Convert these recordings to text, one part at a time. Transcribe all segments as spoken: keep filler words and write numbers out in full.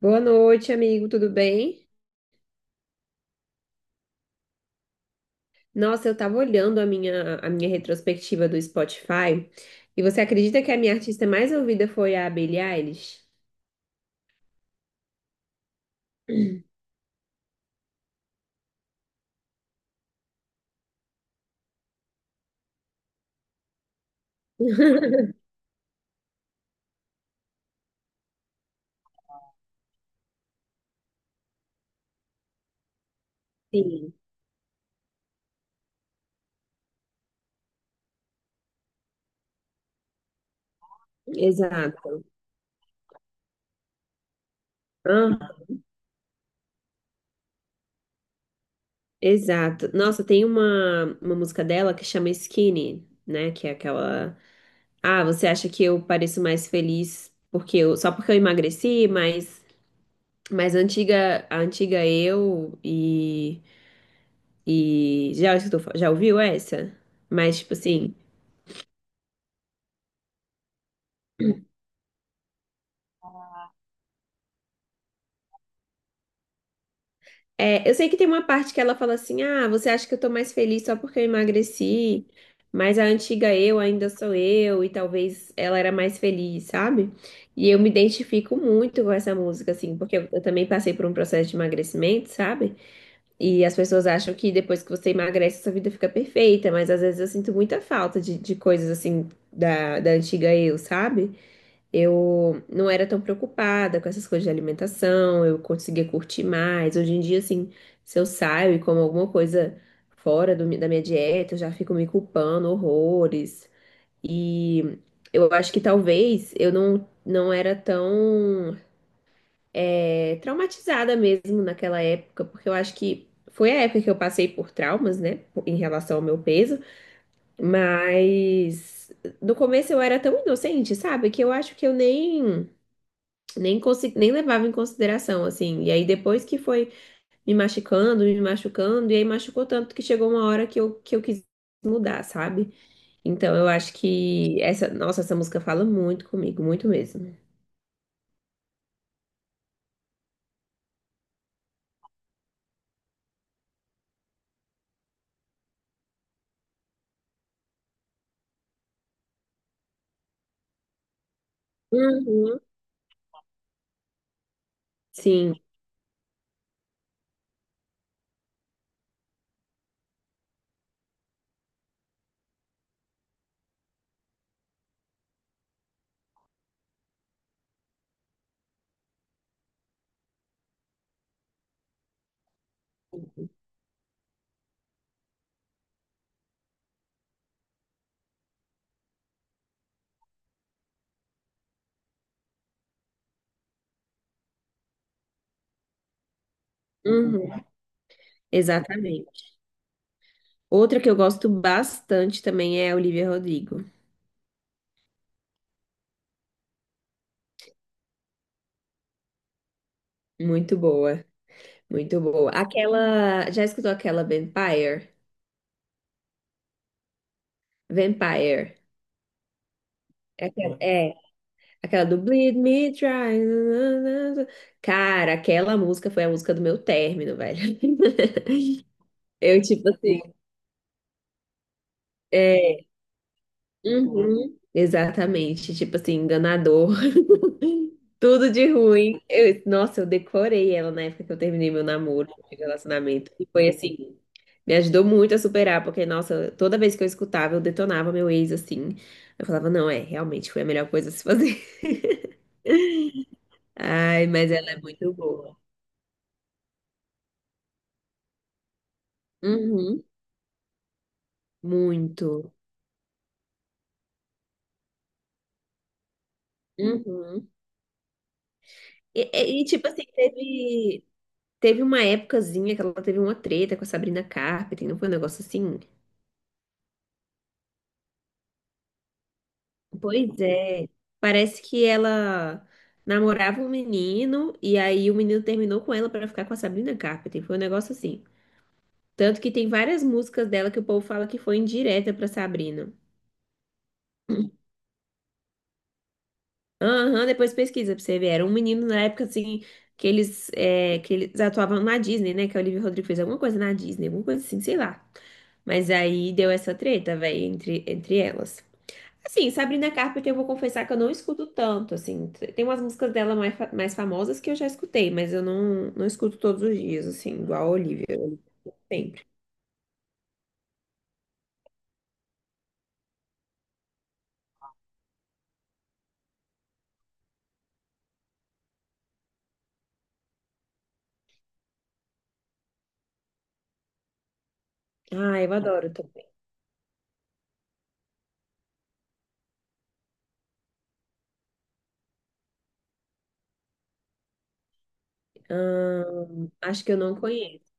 Boa noite, amigo, tudo bem? Nossa, eu tava olhando a minha, a minha retrospectiva do Spotify e você acredita que a minha artista mais ouvida foi a Billie Eilish? Sim, exato. Hã? Exato. Nossa, tem uma, uma música dela que chama Skinny, né? Que é aquela. Ah, você acha que eu pareço mais feliz porque eu, só porque eu emagreci, mas, mas a antiga, a antiga eu e. E já escutou, fa- já ouviu essa? Mas, tipo assim, é, eu sei que tem uma parte que ela fala assim: ah, você acha que eu tô mais feliz só porque eu emagreci, mas a antiga eu ainda sou eu, e talvez ela era mais feliz, sabe? E eu me identifico muito com essa música, assim, porque eu, eu também passei por um processo de emagrecimento, sabe? E as pessoas acham que depois que você emagrece, sua vida fica perfeita, mas às vezes eu sinto muita falta de, de coisas assim da, da antiga eu, sabe? Eu não era tão preocupada com essas coisas de alimentação, eu conseguia curtir mais. Hoje em dia, assim, se eu saio e como alguma coisa fora do mi- da minha dieta, eu já fico me culpando horrores. E eu acho que talvez eu não, não era tão é, traumatizada mesmo naquela época, porque eu acho que foi a época que eu passei por traumas, né, em relação ao meu peso, mas no começo eu era tão inocente, sabe, que eu acho que eu nem nem consegui, nem levava em consideração, assim. E aí depois que foi me machucando, me machucando, e aí machucou tanto que chegou uma hora que eu, que eu quis mudar, sabe? Então eu acho que essa, nossa, essa música fala muito comigo, muito mesmo. Uhum. Sim, uhum, exatamente. Outra que eu gosto bastante também é a Olivia Rodrigo. Muito boa, muito boa. Aquela, já escutou aquela Vampire? Vampire. É, aquela- é aquela do Bleed Me Dry. Na, na, na, cara, aquela música foi a música do meu término, velho. Eu, tipo assim, é. Uhum, exatamente. Tipo assim, enganador. Tudo de ruim. Eu- nossa, eu decorei ela na época que eu terminei meu namoro, meu relacionamento. E foi assim, me ajudou muito a superar, porque, nossa, toda vez que eu escutava, eu detonava meu ex assim. Eu falava, não, é, realmente foi a melhor coisa a se fazer. Ai, mas ela é muito boa. Uhum. Muito. Uhum. E, e- e, tipo assim, teve, teve uma épocazinha que ela teve uma treta com a Sabrina Carpenter, não foi um negócio assim? Pois é. Parece que ela namorava um menino e aí o menino terminou com ela pra ficar com a Sabrina Carpenter. Foi um negócio assim. Tanto que tem várias músicas dela que o povo fala que foi indireta pra Sabrina. Aham, depois pesquisa pra você ver. Era um menino na época, assim, que eles, é, que eles atuavam na Disney, né? Que a Olivia Rodrigo fez alguma coisa na Disney, alguma coisa assim, sei lá. Mas aí deu essa treta, velho, entre, entre elas. Assim, Sabrina Carpenter, eu vou confessar que eu não escuto tanto, assim. Tem umas músicas dela mais, fa- mais famosas que eu já escutei, mas eu não, não escuto todos os dias, assim, igual a Olivia, eu sempre. Ah, eu adoro também. Ahn, acho que eu não conheço.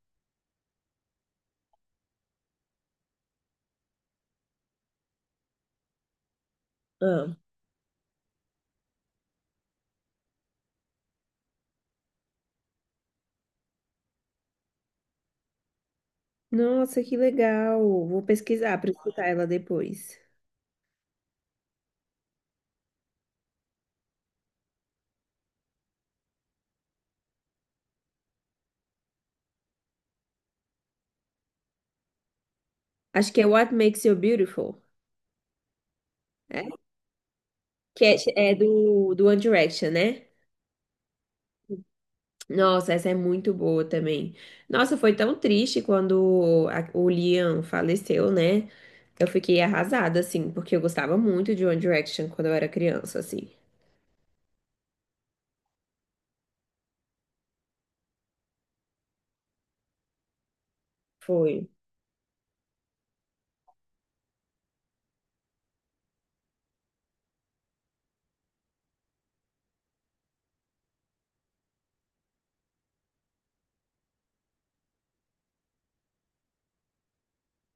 Nossa, que legal. Vou pesquisar para escutar ela depois. Acho que é What Makes You Beautiful, é? Que é, é do, do One Direction, né? Nossa, essa é muito boa também. Nossa, foi tão triste quando a- o Liam faleceu, né? Eu fiquei arrasada, assim, porque eu gostava muito de One Direction quando eu era criança, assim. Foi.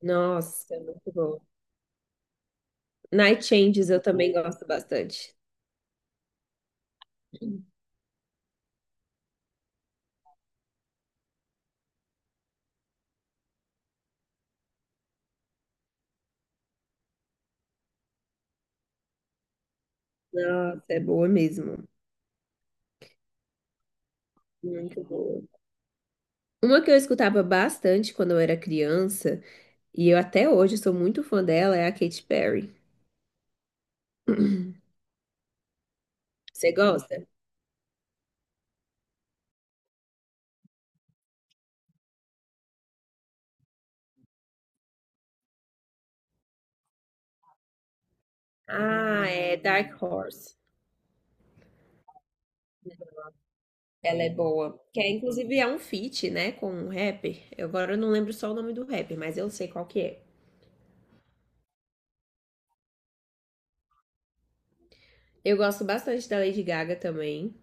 Nossa, é muito bom. Night Changes eu também gosto bastante. Nossa, é boa mesmo. Muito boa. Uma que eu escutava bastante quando eu era criança, e eu até hoje sou muito fã dela, é a Katy Perry. Você gosta? Ah, é Dark Horse. Ela é boa. Que é, inclusive é um feat, né, com um rapper. Eu agora não lembro só o nome do rapper, mas eu sei qual que é. Eu gosto bastante da Lady Gaga também.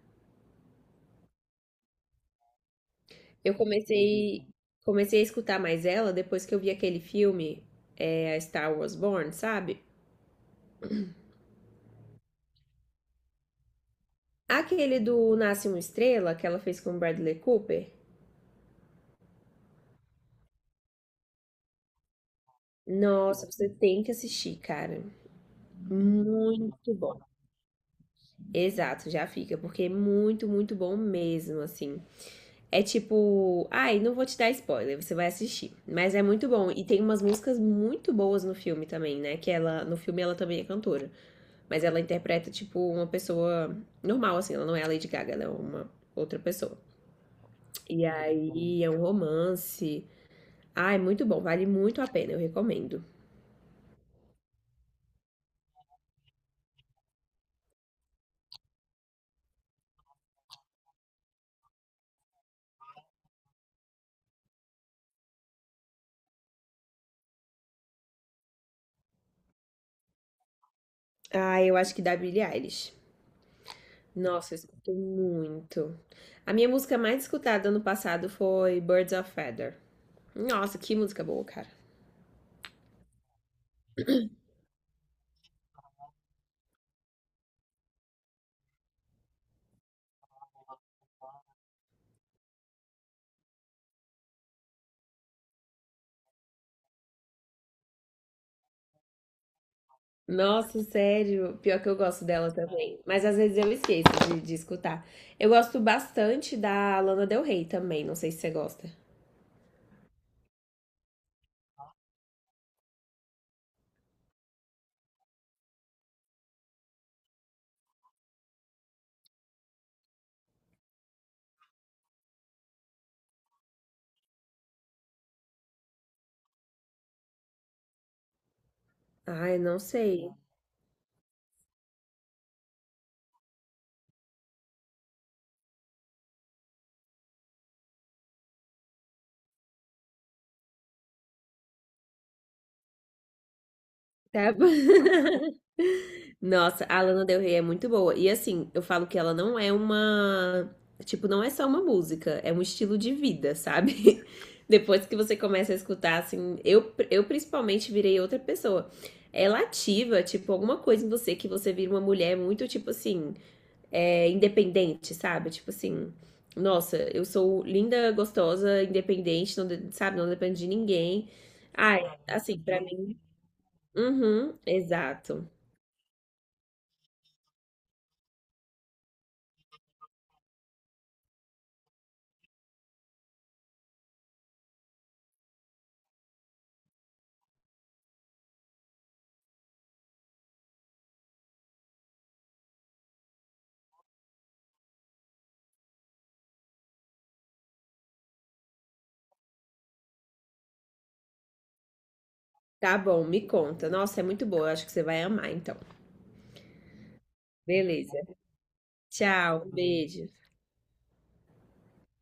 Eu comecei Comecei a escutar mais ela depois que eu vi aquele filme, é, a Star Wars Born, sabe? Aquele do Nasce uma Estrela que ela fez com o Bradley Cooper. Nossa, você tem que assistir, cara. Muito bom. Exato, já fica, porque é muito, muito bom mesmo, assim. É tipo, ai, não vou te dar spoiler, você vai assistir. Mas é muito bom e tem umas músicas muito boas no filme também, né? Que ela, no filme ela também é cantora, mas ela interpreta tipo uma pessoa normal assim, ela não é a Lady Gaga, ela é uma outra pessoa. E aí é um romance. Ai, muito bom, vale muito a pena, eu recomendo. Ah, eu acho que da Billie Eilish. Nossa, eu escuto muito. A minha música mais escutada ano passado foi Birds of Feather. Nossa, que música boa, cara. Nossa, sério. Pior que eu gosto dela também. Mas às vezes eu esqueço de, de escutar. Eu gosto bastante da Lana Del Rey também. Não sei se você gosta. Ai, não sei. Tá bom. Nossa, a Lana Del Rey é muito boa. E assim, eu falo que ela não é uma. Tipo, não é só uma música, é um estilo de vida, sabe? Depois que você começa a escutar, assim, eu, eu principalmente virei outra pessoa. Ela é ativa, tipo, alguma coisa em você que você vira uma mulher muito, tipo assim, é, independente, sabe? Tipo assim, nossa, eu sou linda, gostosa, independente, não, de- sabe? Não dependo de ninguém. Ai, assim, pra mim. Uhum, exato. Tá bom, me conta. Nossa, é muito boa. Eu acho que você vai amar, então. Beleza. Tchau, um beijo.